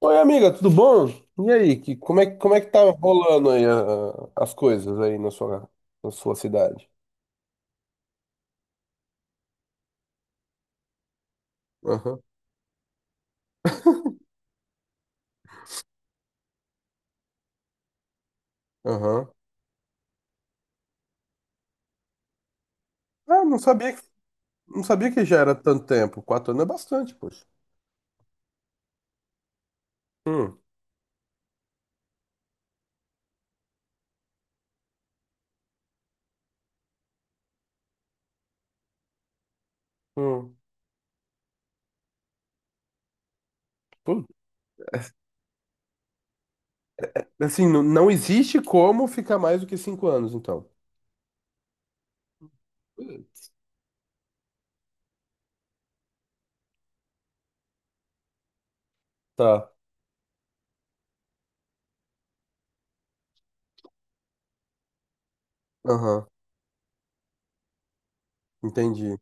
Oi, amiga, tudo bom? E aí, como é que tá rolando aí as coisas aí na sua cidade? Aham, aham. Ah, não sabia que já era tanto tempo. 4 anos é bastante, poxa. Hum, hum. Pô. Assim, não, não existe como ficar mais do que 5 anos, então. Putz. Tá. Aham, entendi.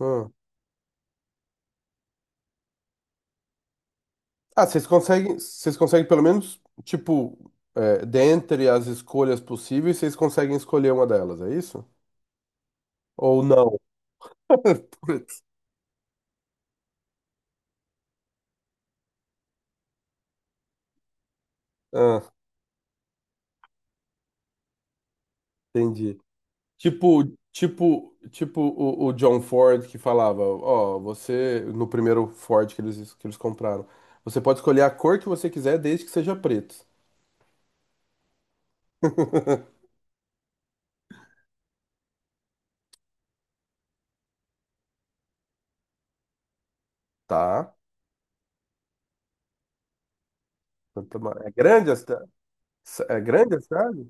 Ah, ah, vocês conseguem pelo menos, tipo, é, dentre as escolhas possíveis, vocês conseguem escolher uma delas, é isso? Ou não? Ah, entendi. Tipo, tipo o John Ford que falava, ó, você, no primeiro Ford que que eles compraram, você pode escolher a cor que você quiser desde que seja preto. Tá? É grande a cidade? É grande a cidade?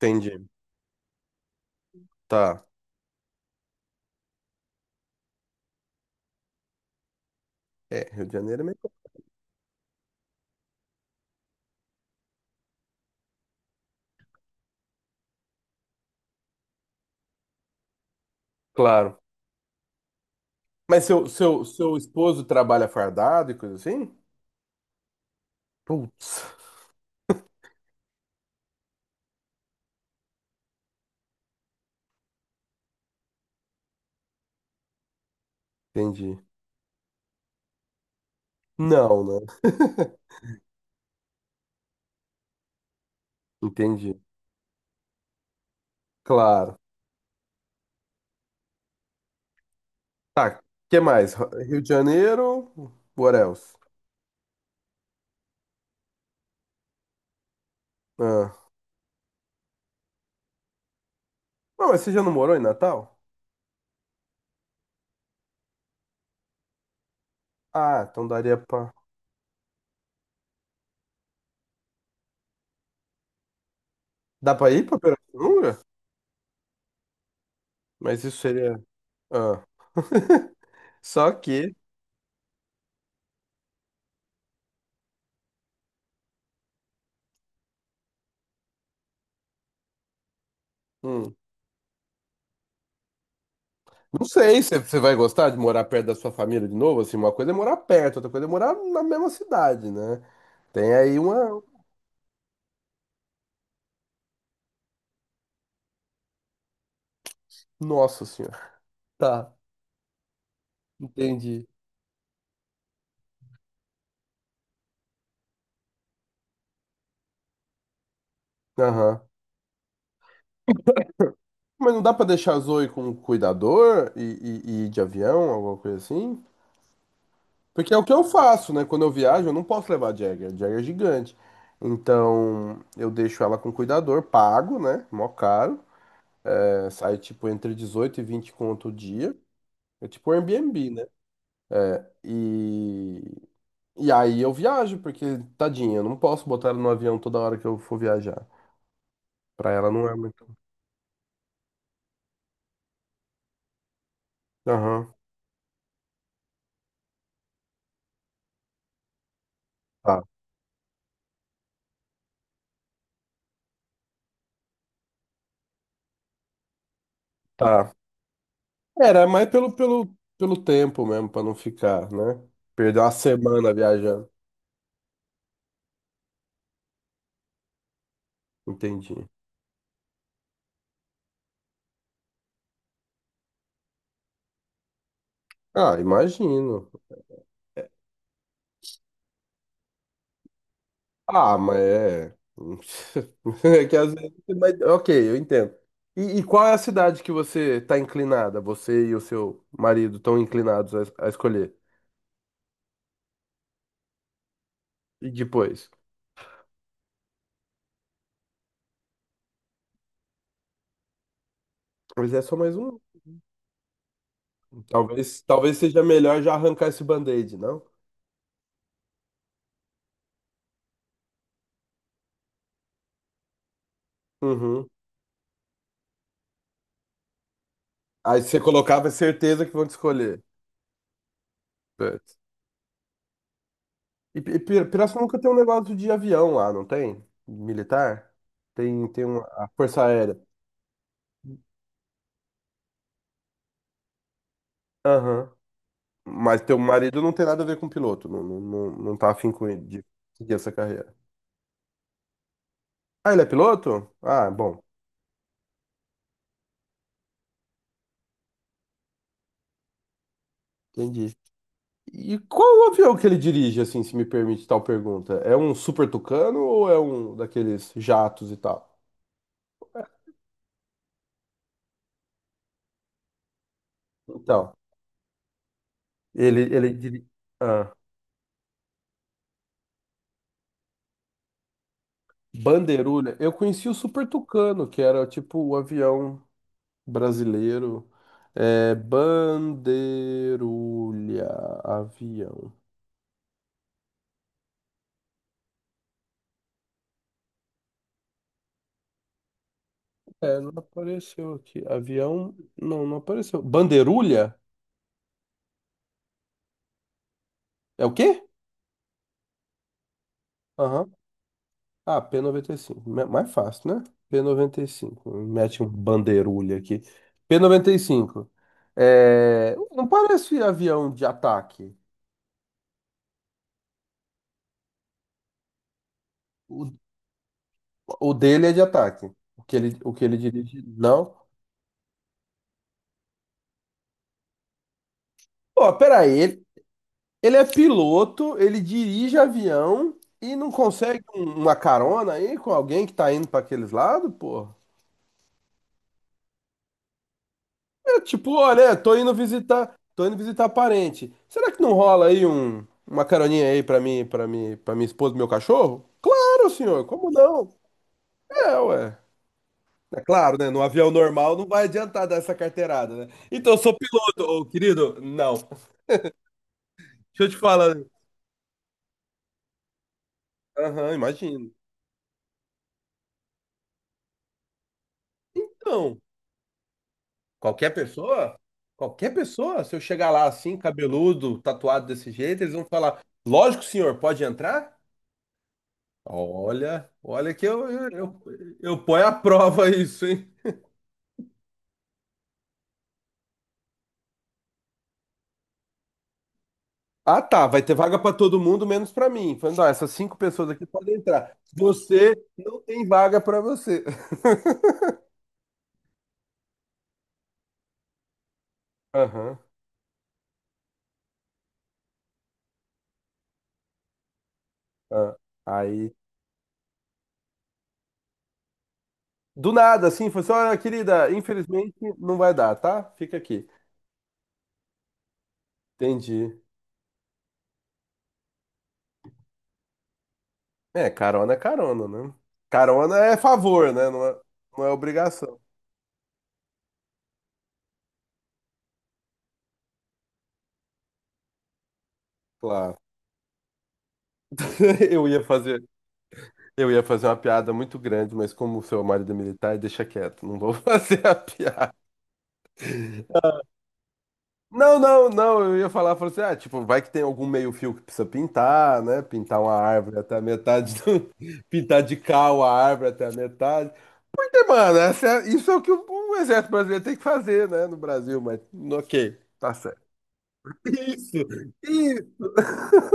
Entendi. Tá. É, Rio de Janeiro é meio... Claro. Mas seu esposo trabalha fardado e coisa assim? Putz. Entendi. Não, né? Entendi. Claro. Tá, o que mais? Rio de Janeiro, what else? Ah. Não, mas você já não morou em Natal? Ah, então daria pra... Dá pra ir pra Pirassununga? Mas isso seria... Ah. Só que... hum, Não sei se você vai gostar de morar perto da sua família de novo, assim, uma coisa é morar perto, outra coisa é morar na mesma cidade, né? Tem aí uma... Nossa senhora. Tá, entendi. Aham. Mas não dá pra deixar a Zoe com um cuidador e ir de avião, alguma coisa assim? Porque é o que eu faço, né? Quando eu viajo, eu não posso levar a Jagger. A Jagger é gigante. Então, eu deixo ela com cuidador, pago, né? Mó caro. É, sai, tipo, entre 18 e 20 conto o dia. É tipo Airbnb, né? E... E aí eu viajo, porque, tadinha, eu não posso botar ela no avião toda hora que eu for viajar. Pra ela não é muito... Aham, tá, tá. Era mais pelo tempo mesmo, pra não ficar, né? Perder uma semana viajando. Entendi. Ah, imagino. É, ah, mas é. É que às vezes. Mas, ok, eu entendo. E qual é a cidade que você tá inclinada? Você e o seu marido estão inclinados a escolher? E depois? Mas é só mais um. Talvez seja melhor já arrancar esse band-aid, não? Uhum. Aí você colocava certeza que vão te escolher. Certo. E, Pirassununga tem um negócio de avião lá, não tem? Militar? Tem uma a Força Aérea. Aham. Mas teu marido não tem nada a ver com piloto, não, não, não, não tá afim com de seguir essa carreira. Ah, ele é piloto? Ah, bom, entendi. E qual o avião que ele dirige, assim, se me permite tal pergunta? É um Super Tucano ou é um daqueles jatos e tal? Então, ele dirige... Ah, Bandeirulha. Eu conheci o Super Tucano, que era tipo o avião brasileiro. É, Bandeirulha, avião. É, não apareceu aqui. Avião, não, não apareceu. Bandeirulha? É o quê? Aham. Ah, P95. 95. Mais fácil, né? P 95. Mete um bandeirulha aqui. P 95. É... Não parece avião de ataque. O, o dele é de ataque. O que ele dirige, não. Pô, peraí. Ele é piloto, ele dirige avião e não consegue uma carona aí com alguém que tá indo para aqueles lados, pô? É, tipo, olha, é, tô indo visitar parente. Será que não rola aí uma caroninha aí para mim, para minha esposa e meu cachorro? Claro, senhor, como não? É, ué. É claro, né? No avião normal não vai adiantar dar essa carteirada, né? Então, eu sou piloto, ô, querido? Não. Deixa eu te falar. Aham, imagino. Então, qualquer pessoa, qualquer pessoa, se eu chegar lá assim, cabeludo, tatuado desse jeito, eles vão falar: "Lógico, senhor, pode entrar?" Olha, olha que eu ponho à prova isso, hein? Ah, tá. Vai ter vaga para todo mundo, menos para mim. Falando, ó, essas cinco pessoas aqui podem entrar. Você não tem vaga para você. Aham. Ah. Aí, do nada, assim, foi só, "Ah, querida, infelizmente não vai dar, tá? Fica aqui." Entendi. É carona, né? Carona é favor, né? Não é obrigação. Claro. Eu ia fazer Eu ia fazer uma piada muito grande, mas como o seu marido é militar, deixa quieto, não vou fazer a piada. Não, não, não, eu ia falar, falou assim, ah, tipo, vai que tem algum meio-fio que precisa pintar, né? Pintar uma árvore até a metade do... Pintar de cal a árvore até a metade. E, mano, isso é o que o Exército Brasileiro tem que fazer, né, no Brasil, mas ok, tá certo. Isso, isso.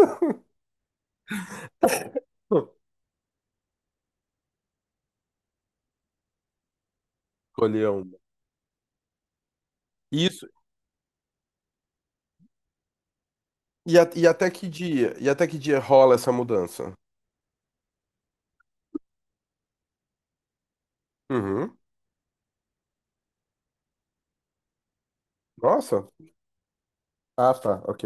Escolher uma. Isso, e, e até que dia? E até que dia rola essa mudança? Uhum. Nossa. Ah, tá, ok.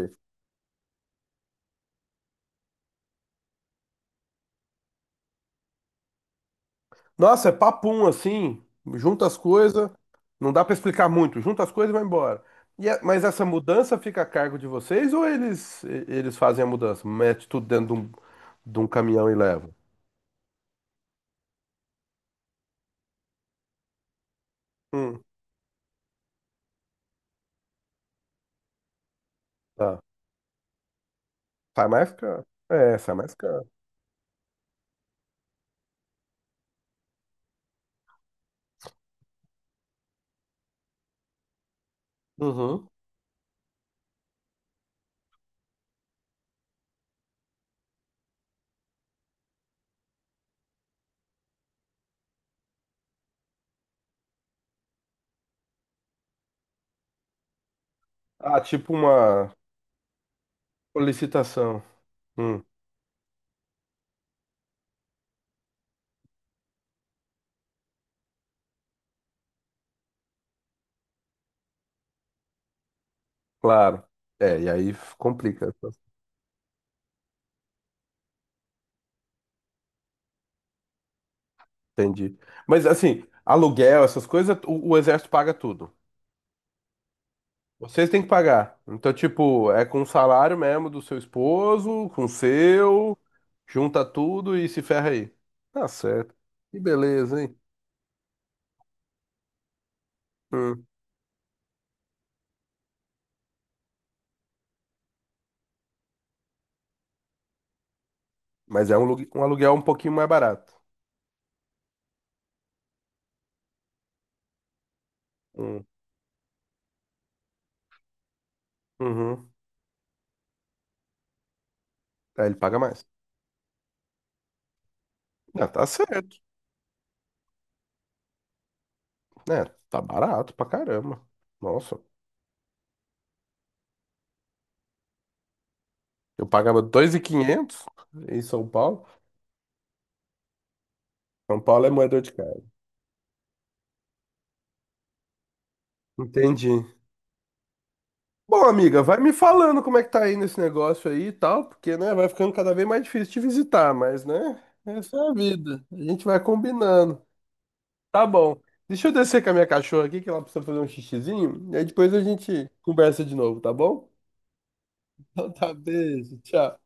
Nossa, é papum assim, junta as coisas, não dá pra explicar muito, junta as coisas e vai embora. E mas essa mudança fica a cargo de vocês ou eles fazem a mudança? Mete tudo dentro de de um caminhão e leva? Hum, tá. Sai mais caro. É, sai mais caro. Uhum. Ah, tipo uma solicitação. Hum, claro. É, e aí complica. Entendi. Mas assim, aluguel, essas coisas, o exército paga tudo. Vocês têm que pagar. Então, tipo, é com o salário mesmo do seu esposo, com o seu, junta tudo e se ferra aí. Tá certo. Que beleza, hein? Hum. Mas é um aluguel um pouquinho mais barato. Hum. Uhum. Aí ele paga mais. Ah, tá certo. Né, tá barato pra caramba. Nossa, eu pagava 2.500 em São Paulo. São Paulo é moedor de cara. Entendi. Bom, amiga, vai me falando como é que tá aí nesse negócio aí e tal, porque, né, vai ficando cada vez mais difícil te visitar, mas, né, essa é a vida. A gente vai combinando. Tá bom. Deixa eu descer com a minha cachorra aqui, que ela precisa fazer um xixizinho, e aí depois a gente conversa de novo, tá bom? Então tá, beijo, tchau.